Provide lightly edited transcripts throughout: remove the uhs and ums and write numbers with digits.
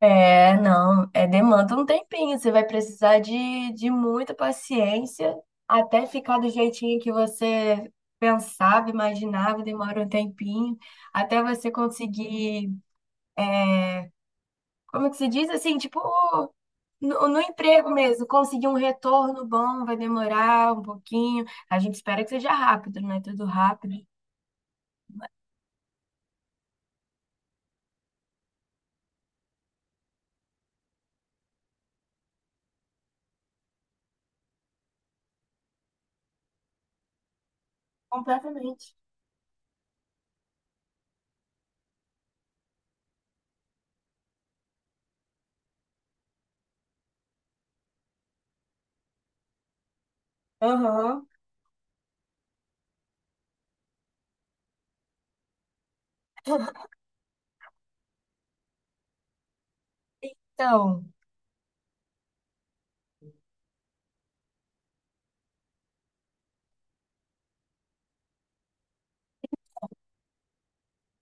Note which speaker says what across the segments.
Speaker 1: É, não, é demanda um tempinho. Você vai precisar de muita paciência até ficar do jeitinho que você pensava, imaginava, demora um tempinho, até você conseguir, como é que se diz assim, tipo, no emprego mesmo, conseguir um retorno bom, vai demorar um pouquinho. A gente espera que seja rápido, não é tudo rápido. Completamente. Aham. Então.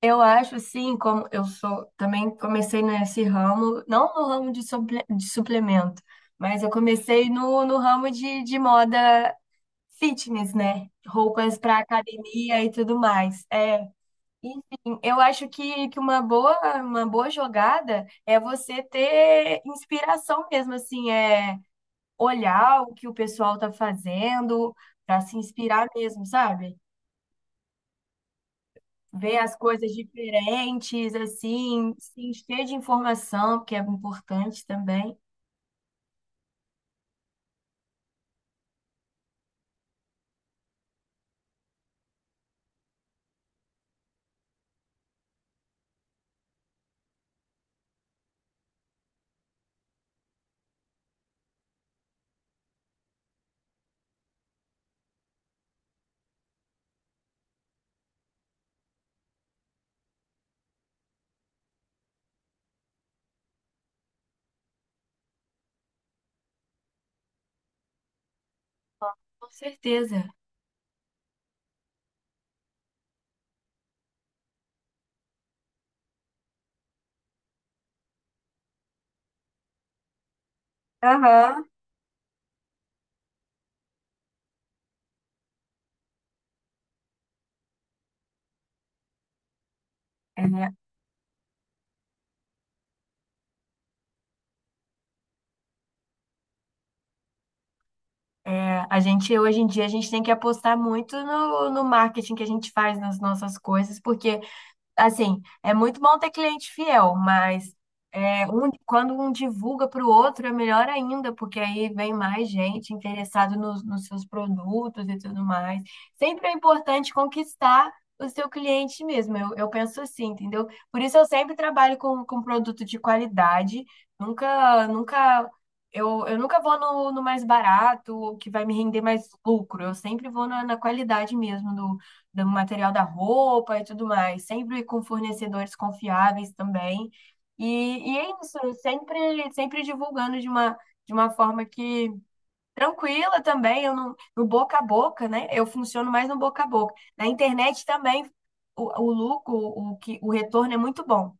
Speaker 1: Eu acho assim, como eu sou, também comecei nesse ramo, não no ramo de, de suplemento, mas eu comecei no ramo de moda fitness, né? Roupas para academia e tudo mais. É, enfim, eu acho que uma boa jogada é você ter inspiração mesmo, assim, é olhar o que o pessoal tá fazendo para se inspirar mesmo, sabe? Ver as coisas diferentes, assim, se encher de informação, que é importante também. Com certeza. Aham. É, a gente, hoje em dia, a gente tem que apostar muito no marketing que a gente faz nas nossas coisas, porque assim, é muito bom ter cliente fiel, mas é, quando um divulga para o outro é melhor ainda, porque aí vem mais gente interessada nos seus produtos e tudo mais. Sempre é importante conquistar o seu cliente mesmo, eu penso assim, entendeu? Por isso eu sempre trabalho com produto de qualidade, nunca, nunca, eu nunca vou no mais barato, o que vai me render mais lucro, eu sempre vou na qualidade mesmo do material da roupa e tudo mais, sempre com fornecedores confiáveis também. E, e é isso, sempre, sempre divulgando de uma forma que tranquila também, eu não, no boca a boca, né? Eu funciono mais no boca a boca. Na internet também o lucro, o retorno é muito bom.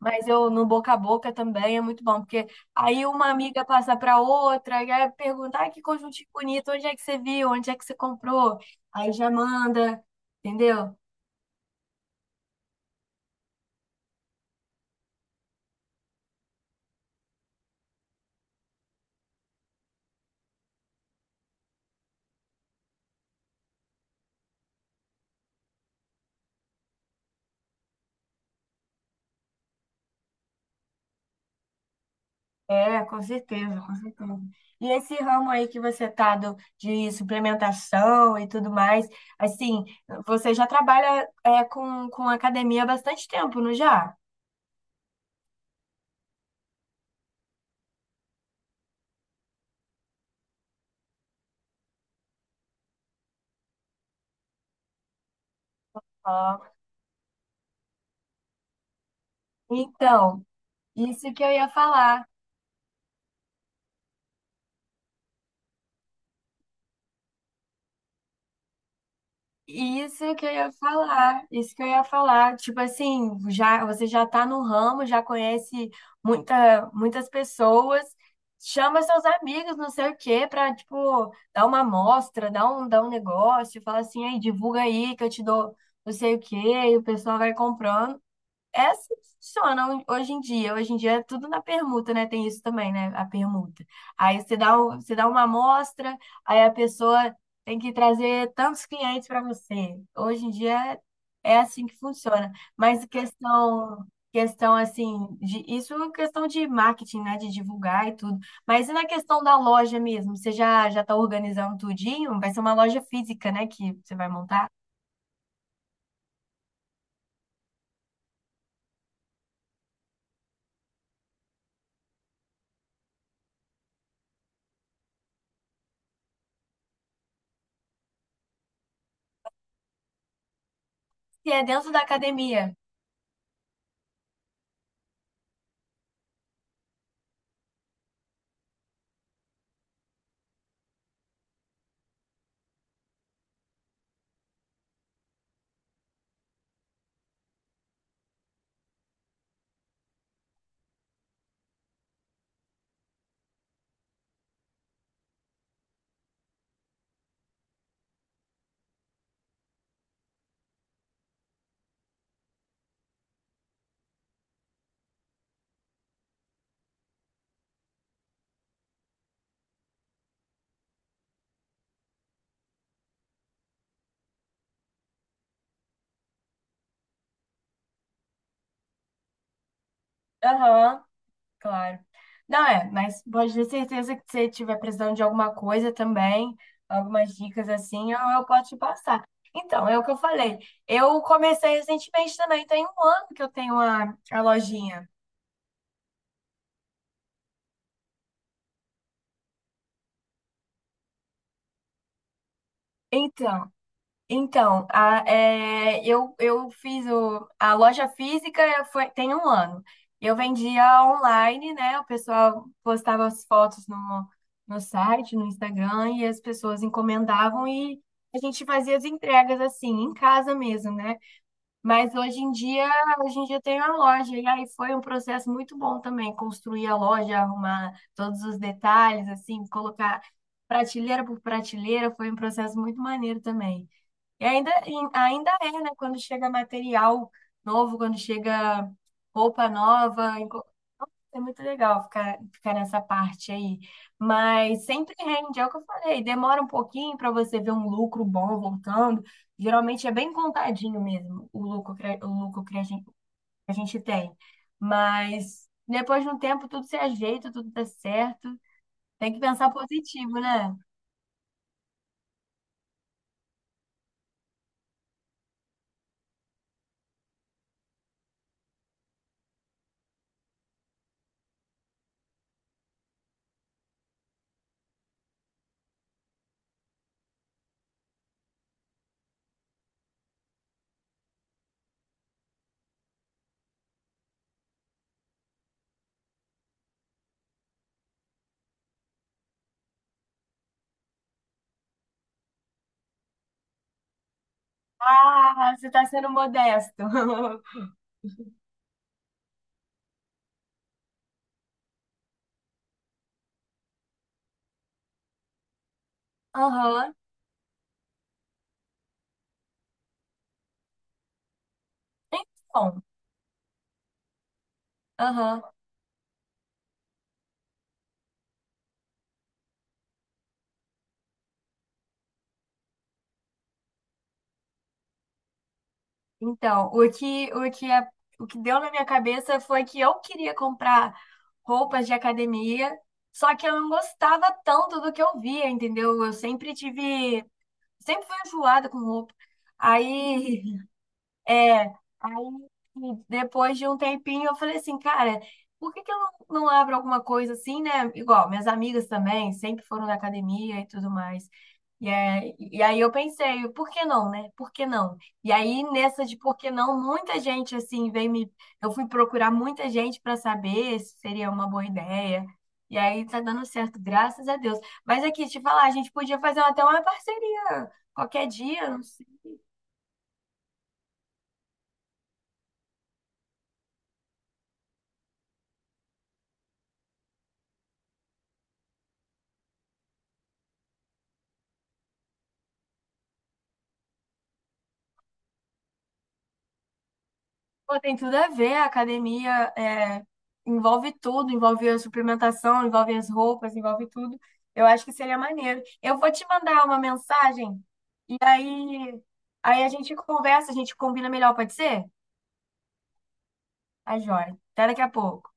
Speaker 1: Mas eu no boca a boca também é muito bom, porque aí uma amiga passa para outra, e aí pergunta, ah, que conjuntinho bonito, onde é que você viu, onde é que você comprou? Aí já manda, entendeu? É, com certeza, com certeza. E esse ramo aí que você tá do, de suplementação e tudo mais, assim, você já trabalha é, com academia há bastante tempo, não já? Ah, então, isso que eu ia falar. Isso que eu ia falar, isso que eu ia falar. Tipo assim, já você já tá no ramo, já conhece muita, muitas pessoas, chama seus amigos, não sei o quê, pra, tipo, dar uma amostra, dar um negócio, fala assim, aí, divulga aí que eu te dou não sei o quê, e o pessoal vai comprando. Essas funcionam hoje em dia. Hoje em dia é tudo na permuta, né? Tem isso também, né? A permuta. Aí você dá, você dá uma amostra, aí a pessoa tem que trazer tantos clientes para você. Hoje em dia é assim que funciona. Mas questão, questão assim, de, isso é questão de marketing, né? De divulgar e tudo. Mas e na questão da loja mesmo? Você já está organizando tudinho? Vai ser uma loja física, né? Que você vai montar? Se é dentro da academia. Aham. Claro. Não é, mas pode ter certeza que se você tiver precisando de alguma coisa também, algumas dicas assim, eu posso te passar. Então, é o que eu falei. Eu comecei recentemente também, tem um ano que eu tenho a lojinha. Então, então, eu fiz a loja física foi, tem um ano. Eu vendia online, né? O pessoal postava as fotos no, no site, no Instagram, e as pessoas encomendavam e a gente fazia as entregas assim, em casa mesmo, né? Mas hoje em dia tem a loja, e aí foi um processo muito bom também, construir a loja, arrumar todos os detalhes, assim, colocar prateleira por prateleira, foi um processo muito maneiro também. E ainda é, né? Quando chega material novo, quando chega roupa nova, é muito legal ficar, ficar nessa parte aí. Mas sempre rende, é o que eu falei, demora um pouquinho para você ver um lucro bom voltando. Geralmente é bem contadinho mesmo o lucro, o lucro que a gente tem. Mas depois de um tempo tudo se ajeita, tudo dá certo. Tem que pensar positivo, né? Ah, você está sendo modesto. Aham. Então. Aham. Então, o que deu na minha cabeça foi que eu queria comprar roupas de academia, só que eu não gostava tanto do que eu via, entendeu? Eu sempre tive, sempre fui enjoada com roupa. Aí, é, aí depois de um tempinho eu falei assim, cara, por que que eu não abro alguma coisa assim, né? Igual, minhas amigas também sempre foram na academia e tudo mais. E, e aí eu pensei, por que não, né? Por que não? E aí nessa de por que não, muita gente assim veio me, eu fui procurar muita gente para saber se seria uma boa ideia. E aí tá dando certo, graças a Deus. Mas aqui, te falar, a gente podia fazer até uma parceria qualquer dia. Pô, tem tudo a ver, a academia é, envolve tudo, envolve a suplementação, envolve as roupas, envolve tudo. Eu acho que seria maneiro. Eu vou te mandar uma mensagem e aí, aí a gente conversa, a gente combina melhor, pode ser? Tá joia. Até daqui a pouco.